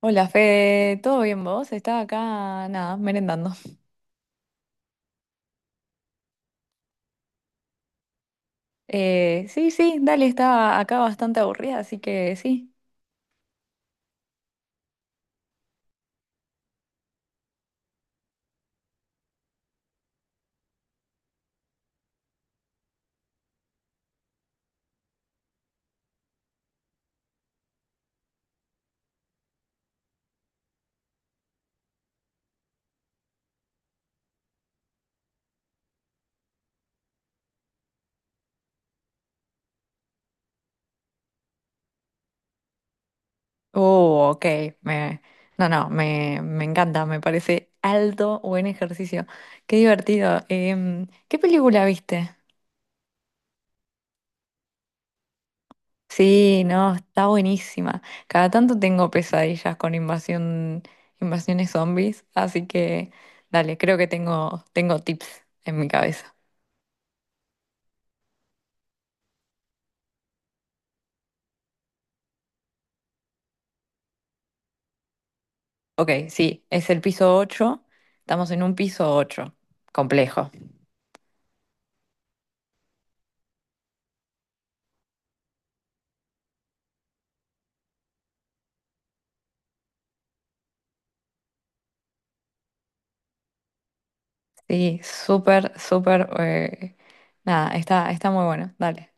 Hola Fede, ¿todo bien vos? Estaba acá, nada, merendando. Sí, sí, dale, estaba acá bastante aburrida, así que sí. Oh, ok, me, no, no, me encanta, me parece alto, buen ejercicio. Qué divertido. ¿Qué película viste? Sí, no, está buenísima. Cada tanto tengo pesadillas con invasiones zombies, así que dale, creo que tengo tips en mi cabeza. Ok, sí, es el piso 8. Estamos en un piso 8, complejo. Sí, súper, súper. Nada, está, Está muy bueno. Dale.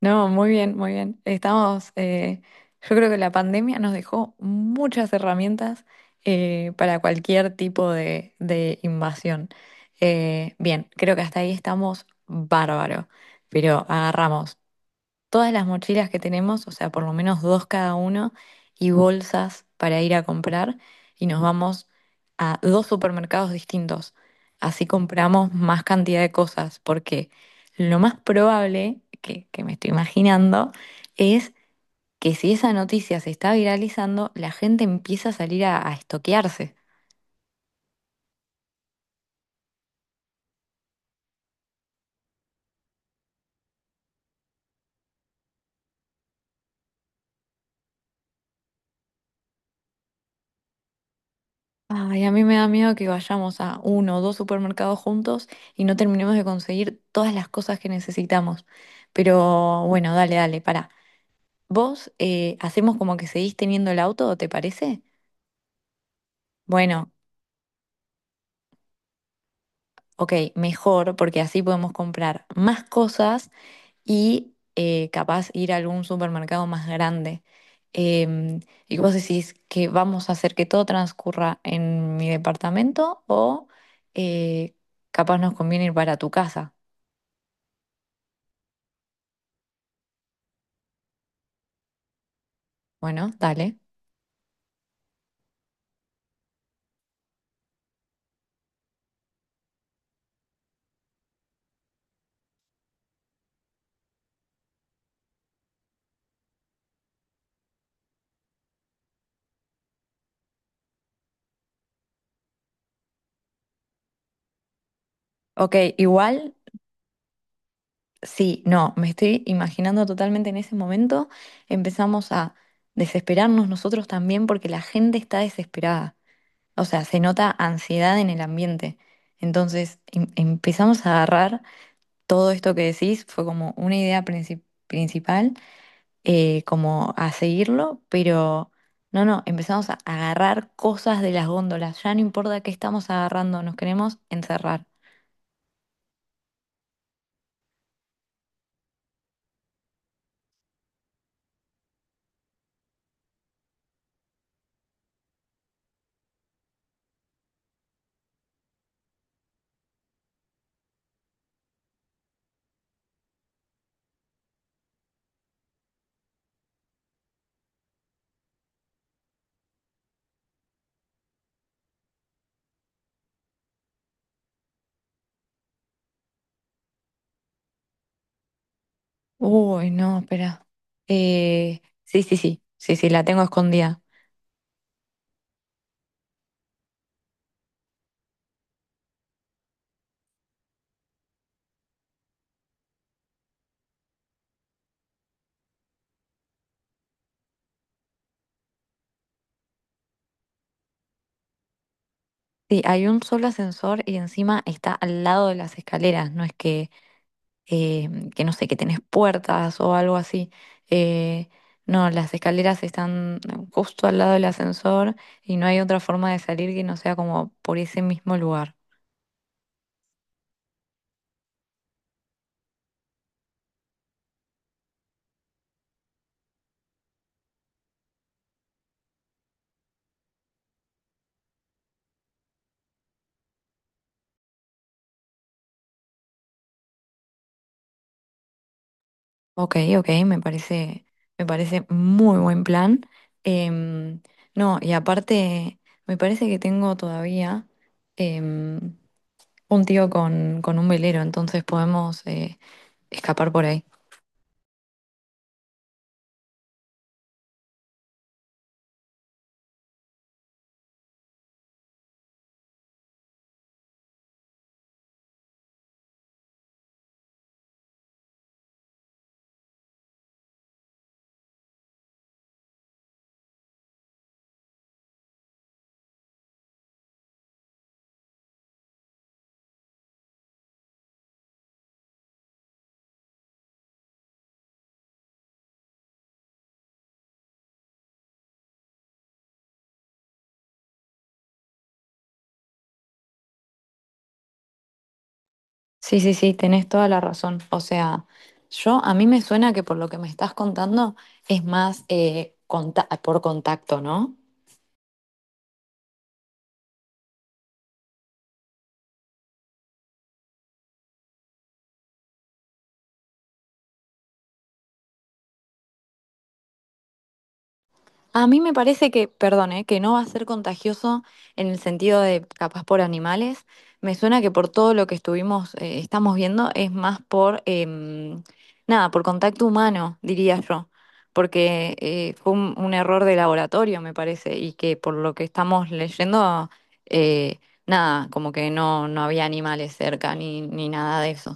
No, muy bien, muy bien. Estamos. Yo creo que la pandemia nos dejó muchas herramientas para cualquier tipo de invasión. Bien, creo que hasta ahí estamos bárbaro. Pero agarramos todas las mochilas que tenemos, o sea, por lo menos dos cada uno, y bolsas para ir a comprar, y nos vamos a dos supermercados distintos. Así compramos más cantidad de cosas, porque lo más probable que me estoy imaginando es que si esa noticia se está viralizando, la gente empieza a salir a estoquearse. Ay, a mí me da miedo que vayamos a uno o dos supermercados juntos y no terminemos de conseguir todas las cosas que necesitamos. Pero bueno, dale, pará. ¿Vos hacemos como que seguís teniendo el auto, te parece? Bueno, ok, mejor porque así podemos comprar más cosas y capaz ir a algún supermercado más grande. Em, ¿Y vos decís que vamos a hacer que todo transcurra en mi departamento o eh, capaz nos conviene ir para tu casa? Bueno, dale. Ok, igual, sí, no, me estoy imaginando totalmente en ese momento, empezamos a desesperarnos nosotros también porque la gente está desesperada. O sea, se nota ansiedad en el ambiente. Entonces, empezamos a agarrar todo esto que decís, fue como una principal, como a seguirlo, pero no, no, empezamos a agarrar cosas de las góndolas, ya no importa qué estamos agarrando, nos queremos encerrar. Uy, no, espera. Sí, sí, sí, sí, sí, la tengo escondida. Sí, hay un solo ascensor y encima está al lado de las escaleras, no es que, eh, que no sé, que tenés puertas o algo así. Eh, no, las escaleras están justo al lado del ascensor y no hay otra forma de salir que no sea como por ese mismo lugar. Ok, ok, me parece muy buen plan. Em, no, y aparte, me parece que tengo todavía em, un tío con un velero, entonces podemos escapar por ahí. Sí, sí, sí, tenés toda la razón. O sea, yo a mí me suena que por lo que me estás contando es más por contacto, ¿no? A mí me parece que, perdón, que no va a ser contagioso en el sentido de capaz por animales. Me suena que por todo lo que estamos viendo, es más por, em, nada, por contacto humano, diría yo, porque fue un error de laboratorio, me parece, y que por lo que estamos leyendo, eh, nada, como que no, no había animales cerca ni nada de eso.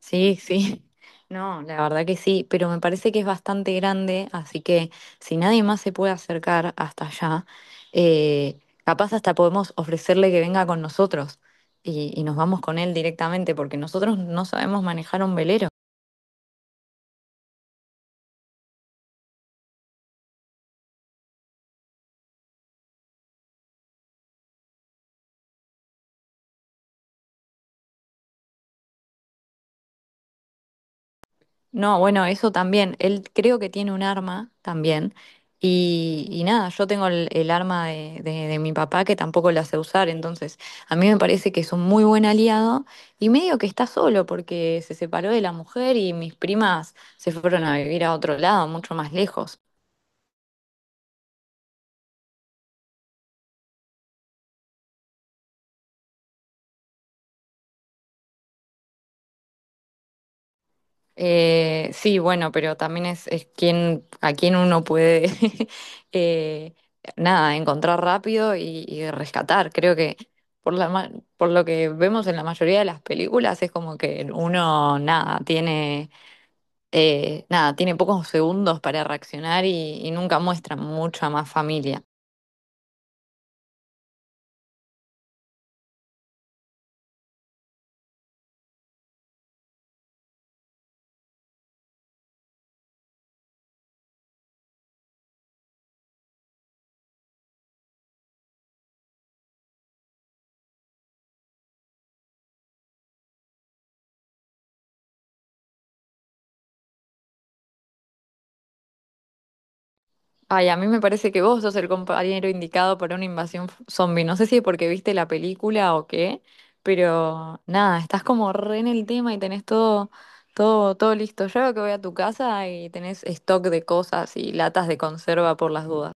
Sí, sí. No, la verdad que sí, pero me parece que es bastante grande, así que si nadie más se puede acercar hasta allá, eh, capaz hasta podemos ofrecerle que venga con nosotros y nos vamos con él directamente, porque nosotros no sabemos manejar un velero. No, bueno, eso también. Él creo que tiene un arma también. Y nada, yo tengo el arma de mi papá que tampoco la sé usar. Entonces, a mí me parece que es un muy buen aliado y medio que está solo porque se separó de la mujer y mis primas se fueron a vivir a otro lado, mucho más lejos. Sí, bueno, pero también es quien, a quien uno puede eh, nada, encontrar rápido y rescatar. Creo que por la, ma- por lo que vemos en la mayoría de las películas es como que uno nada, tiene nada, tiene pocos segundos para reaccionar y nunca muestra mucha más familia. Ay, a mí me parece que vos sos el compañero indicado para una zombie. No sé si es porque viste la película o qué, pero nada, estás como re en el tema y tenés todo listo. Yo creo que voy a tu casa y tenés stock de cosas y latas de conserva por las dudas.